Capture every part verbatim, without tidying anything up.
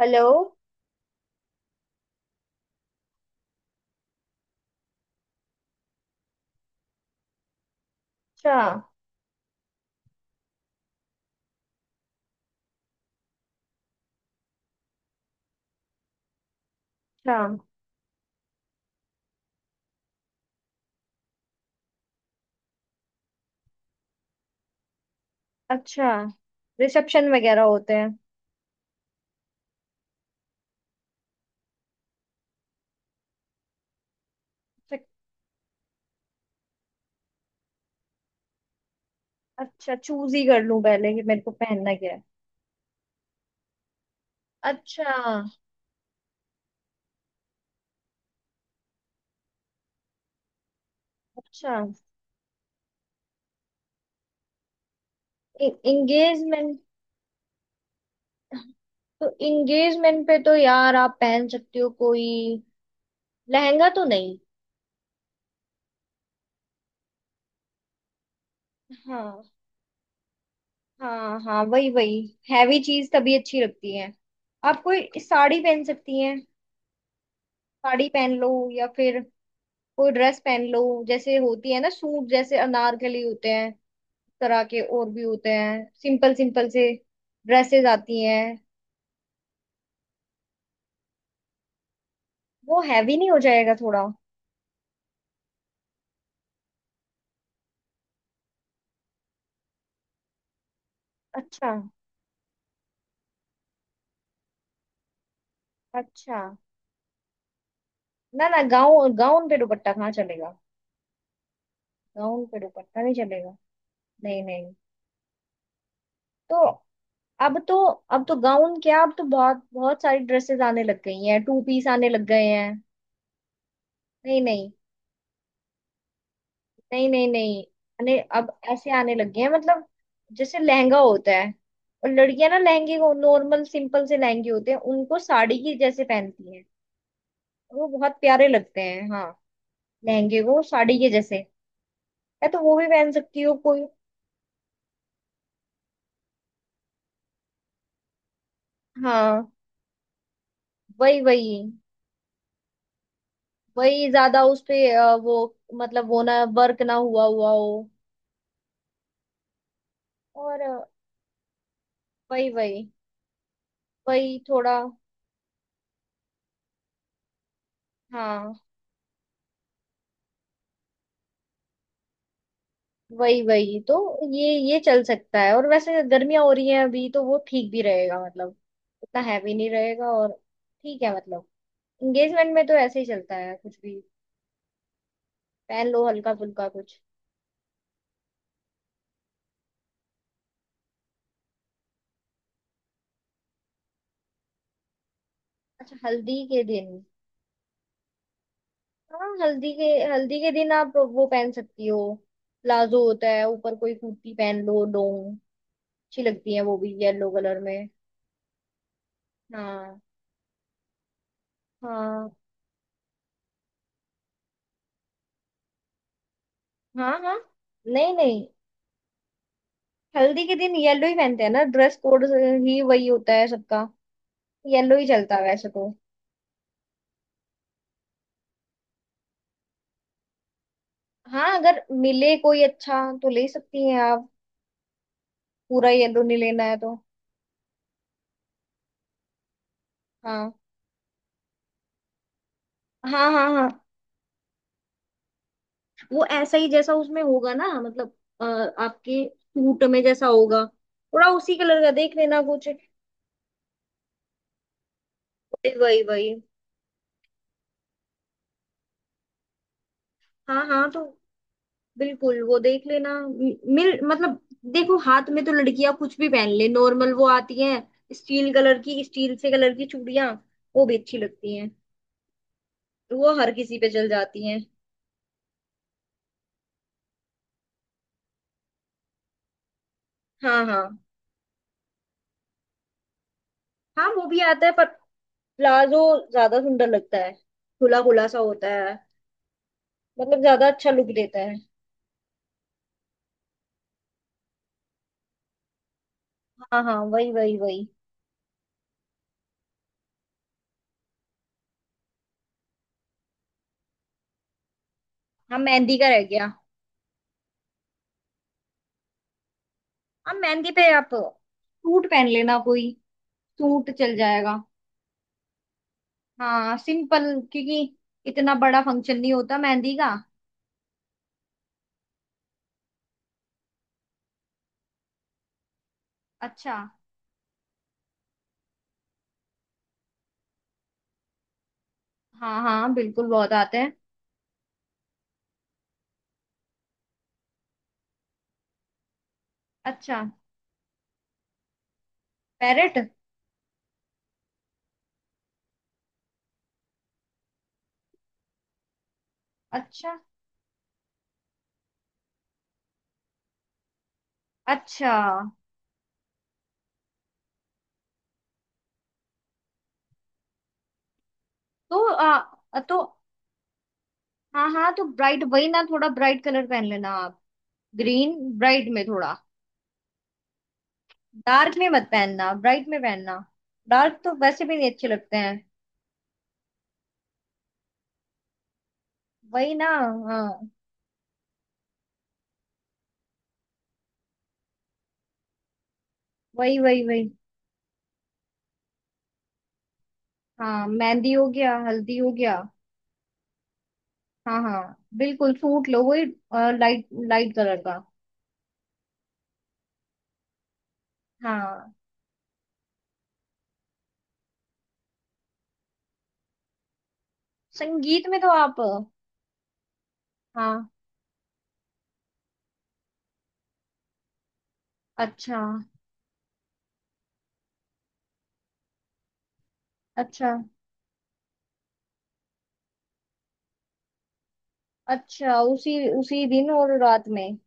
Hello. अच्छा। अच्छा। अच्छा। रिसेप्शन वगैरह होते हैं। अच्छा। अच्छा चूज ही कर लूं पहले कि मेरे को पहनना क्या है। अच्छा। अच्छा। एंगेजमेंट। तो एंगेजमेंट पे तो यार आप पहन सकती हो कोई लहंगा तो नहीं। हाँ। हाँ हाँ वही वही। हैवी चीज तभी अच्छी लगती है। आप कोई साड़ी पहन सकती हैं। साड़ी पहन लो या फिर कोई ड्रेस पहन लो। जैसे होती है ना, सूट जैसे अनारकली होते हैं, इस तरह के और भी होते हैं, सिंपल सिंपल से ड्रेसेस आती हैं। वो हैवी नहीं हो जाएगा थोड़ा। अच्छा। अच्छा। ना ना, गाउन गाउन पे दुपट्टा कहाँ चलेगा। गाउन पे दुपट्टा नहीं चलेगा। नहीं नहीं। तो अब तो। अब तो गाउन क्या, अब तो बहुत बहुत सारी ड्रेसेस आने लग गई हैं, टू पीस आने लग गए हैं। नहीं नहीं नहीं नहीं नहीं। अने अब ऐसे आने लग गए हैं मतलब। जैसे लहंगा होता है, और लड़कियां ना लहंगे को नॉर्मल सिंपल से लहंगे होते हैं उनको साड़ी के जैसे पहनती हैं। और वो बहुत प्यारे लगते हैं, हाँ। लहंगे को साड़ी के जैसे। या तो वो भी पहन सकती हो कोई। हाँ वही वही। वही ज्यादा उस पे अ, वो मतलब वो ना, वर्क ना हुआ हुआ हो। और अ, वही वही वही थोड़ा। हाँ वही वही तो। ये ये चल सकता है, और वैसे गर्मियां हो रही हैं अभी तो वो ठीक भी रहेगा मतलब। इतना हैवी नहीं रहेगा और ठीक है मतलब। एंगेजमेंट में तो ऐसे ही चलता है कुछ भी। पहन लो हल्का फुल्का कुछ। अच्छा हल्दी के दिन। हाँ हल्दी के। हल्दी के दिन आप वो पहन सकती हो। प्लाजो होता है, ऊपर कोई कुर्ती पहन लो, लॉन्ग। अच्छी लगती है वो भी येलो कलर में। हाँ हाँ हाँ हाँ। नहीं नहीं। हल्दी के दिन येलो ही पहनते हैं ना, ड्रेस कोड ही वही होता है सबका। येलो ही चलता है वैसे तो। हाँ अगर मिले कोई अच्छा तो ले सकती हैं आप। पूरा येलो नहीं लेना है तो। हाँ हाँ हाँ हाँ। वो ऐसा ही जैसा उसमें होगा ना, मतलब अ, आपके सूट में जैसा होगा। थोड़ा उसी कलर का देख लेना कुछ। वही वही वही। हाँ हाँ तो बिल्कुल वो देख लेना, मि- मिल मतलब। देखो हाथ में तो लड़कियां कुछ भी पहन ले, नॉर्मल वो आती हैं स्टील कलर की, स्टील से कलर की चूड़ियां, वो भी अच्छी लगती हैं। वो हर किसी पे चल जाती हैं। हाँ हाँ। हाँ वो भी आता है, पर प्लाजो ज्यादा सुंदर लगता है, खुला खुला सा होता है, मतलब ज्यादा अच्छा लुक देता है। हाँ हाँ वही वही वही। हाँ मेहंदी का रह गया। हाँ मेहंदी पे आप सूट पहन लेना कोई, सूट चल जाएगा। हाँ सिंपल। क्योंकि इतना बड़ा फंक्शन नहीं होता मेहंदी का। अच्छा। हाँ हाँ बिल्कुल, बहुत आते हैं। अच्छा। पैरेट। अच्छा। अच्छा। तो आ, तो हाँ हाँ, तो ब्राइट वही ना, थोड़ा ब्राइट कलर पहन लेना आप। ग्रीन ब्राइट में थोड़ा। डार्क में मत पहनना, ब्राइट में पहनना। डार्क तो वैसे भी नहीं अच्छे लगते हैं। वही ना। हाँ वही वही वही। हाँ मेहंदी हो गया, हल्दी हो गया। हाँ हाँ बिल्कुल सूट लो वही, लाइट लाइट कलर का। हाँ संगीत में तो आप। हाँ अच्छा। अच्छा। अच्छा उसी उसी दिन और रात में।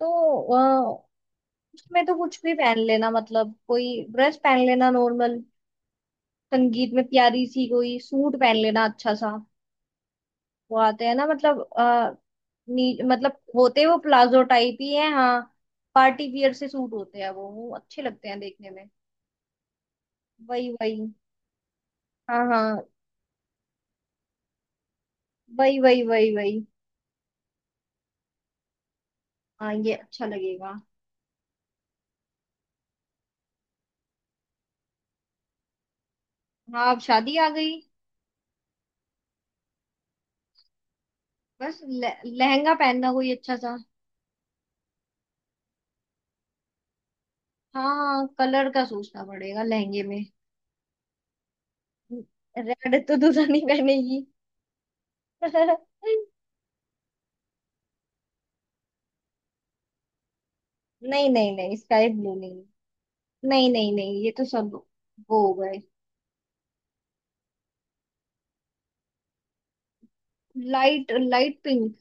तो अ, उसमें तो कुछ भी पहन लेना, मतलब कोई ड्रेस पहन लेना नॉर्मल। संगीत में प्यारी सी कोई सूट पहन लेना अच्छा सा। वो आते हैं ना, मतलब आ, नी, मतलब होते वो प्लाजो टाइप ही है, हाँ। पार्टी वियर से सूट होते हैं वो वो अच्छे लगते हैं देखने में। वही वही। हाँ हाँ वही वही वही वही। हाँ ये अच्छा लगेगा। हाँ अब शादी आ गई। बस लह- लहंगा पहनना कोई अच्छा सा। हाँ कलर का सोचना पड़ेगा लहंगे में। रेड तो दूल्हा नहीं पहनेगी। नहीं नहीं नहीं, स्काई ब्लू नहीं। नहीं नहीं नहीं, ये तो सब वो हो गए। लाइट लाइट पिंक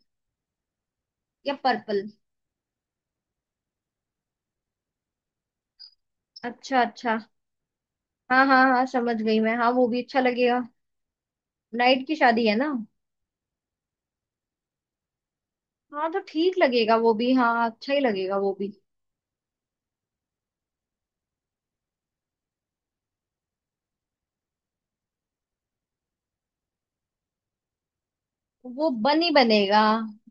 या पर्पल। अच्छा अच्छा। हाँ हाँ हाँ, समझ गई मैं, हाँ वो भी अच्छा लगेगा। नाइट की शादी है ना। हाँ तो ठीक लगेगा वो भी, हाँ अच्छा ही लगेगा वो भी। वो बन ही बनेगा।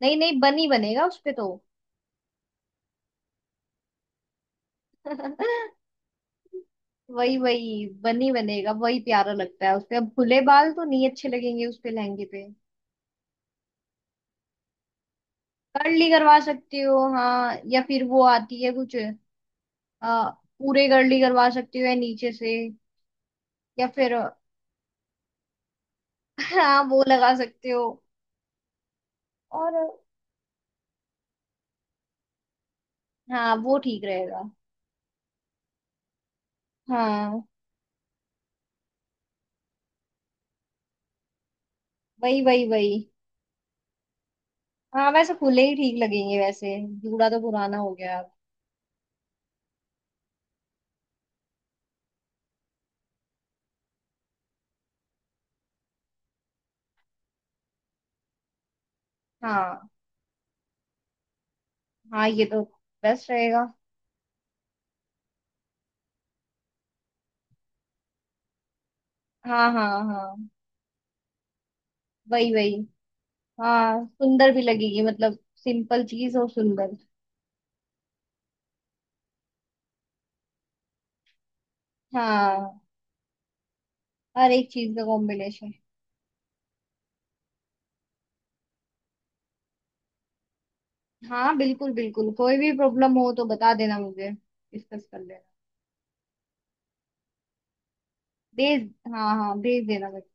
नहीं नहीं, बन ही बनेगा उसपे तो। वही वही, बन ही बनेगा, वही प्यारा लगता है उसपे, अब खुले बाल तो नहीं अच्छे लगेंगे उसपे लहंगे पे। कर्ली करवा सकती हो, हाँ, या फिर वो आती है कुछ आ, पूरे कर्ली करवा सकती हो, या नीचे से, या फिर। हाँ वो लगा सकते हो। और हाँ वो ठीक रहेगा। हाँ वही वही वही। हाँ वैसे खुले ही ठीक लगेंगे वैसे, जूड़ा तो पुराना हो गया अब। हाँ हाँ ये तो बेस्ट रहेगा। हाँ हाँ हाँ वही वही। हाँ सुंदर भी लगेगी, मतलब सिंपल चीज और सुंदर। हाँ हर एक चीज का कॉम्बिनेशन। हाँ बिल्कुल बिल्कुल, कोई भी प्रॉब्लम हो तो बता देना मुझे, डिस्कस कर लेना। भेज हाँ हाँ भेज देना मुझे।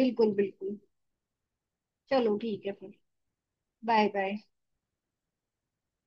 बिल्कुल बिल्कुल। चलो ठीक है फिर। Bye bye.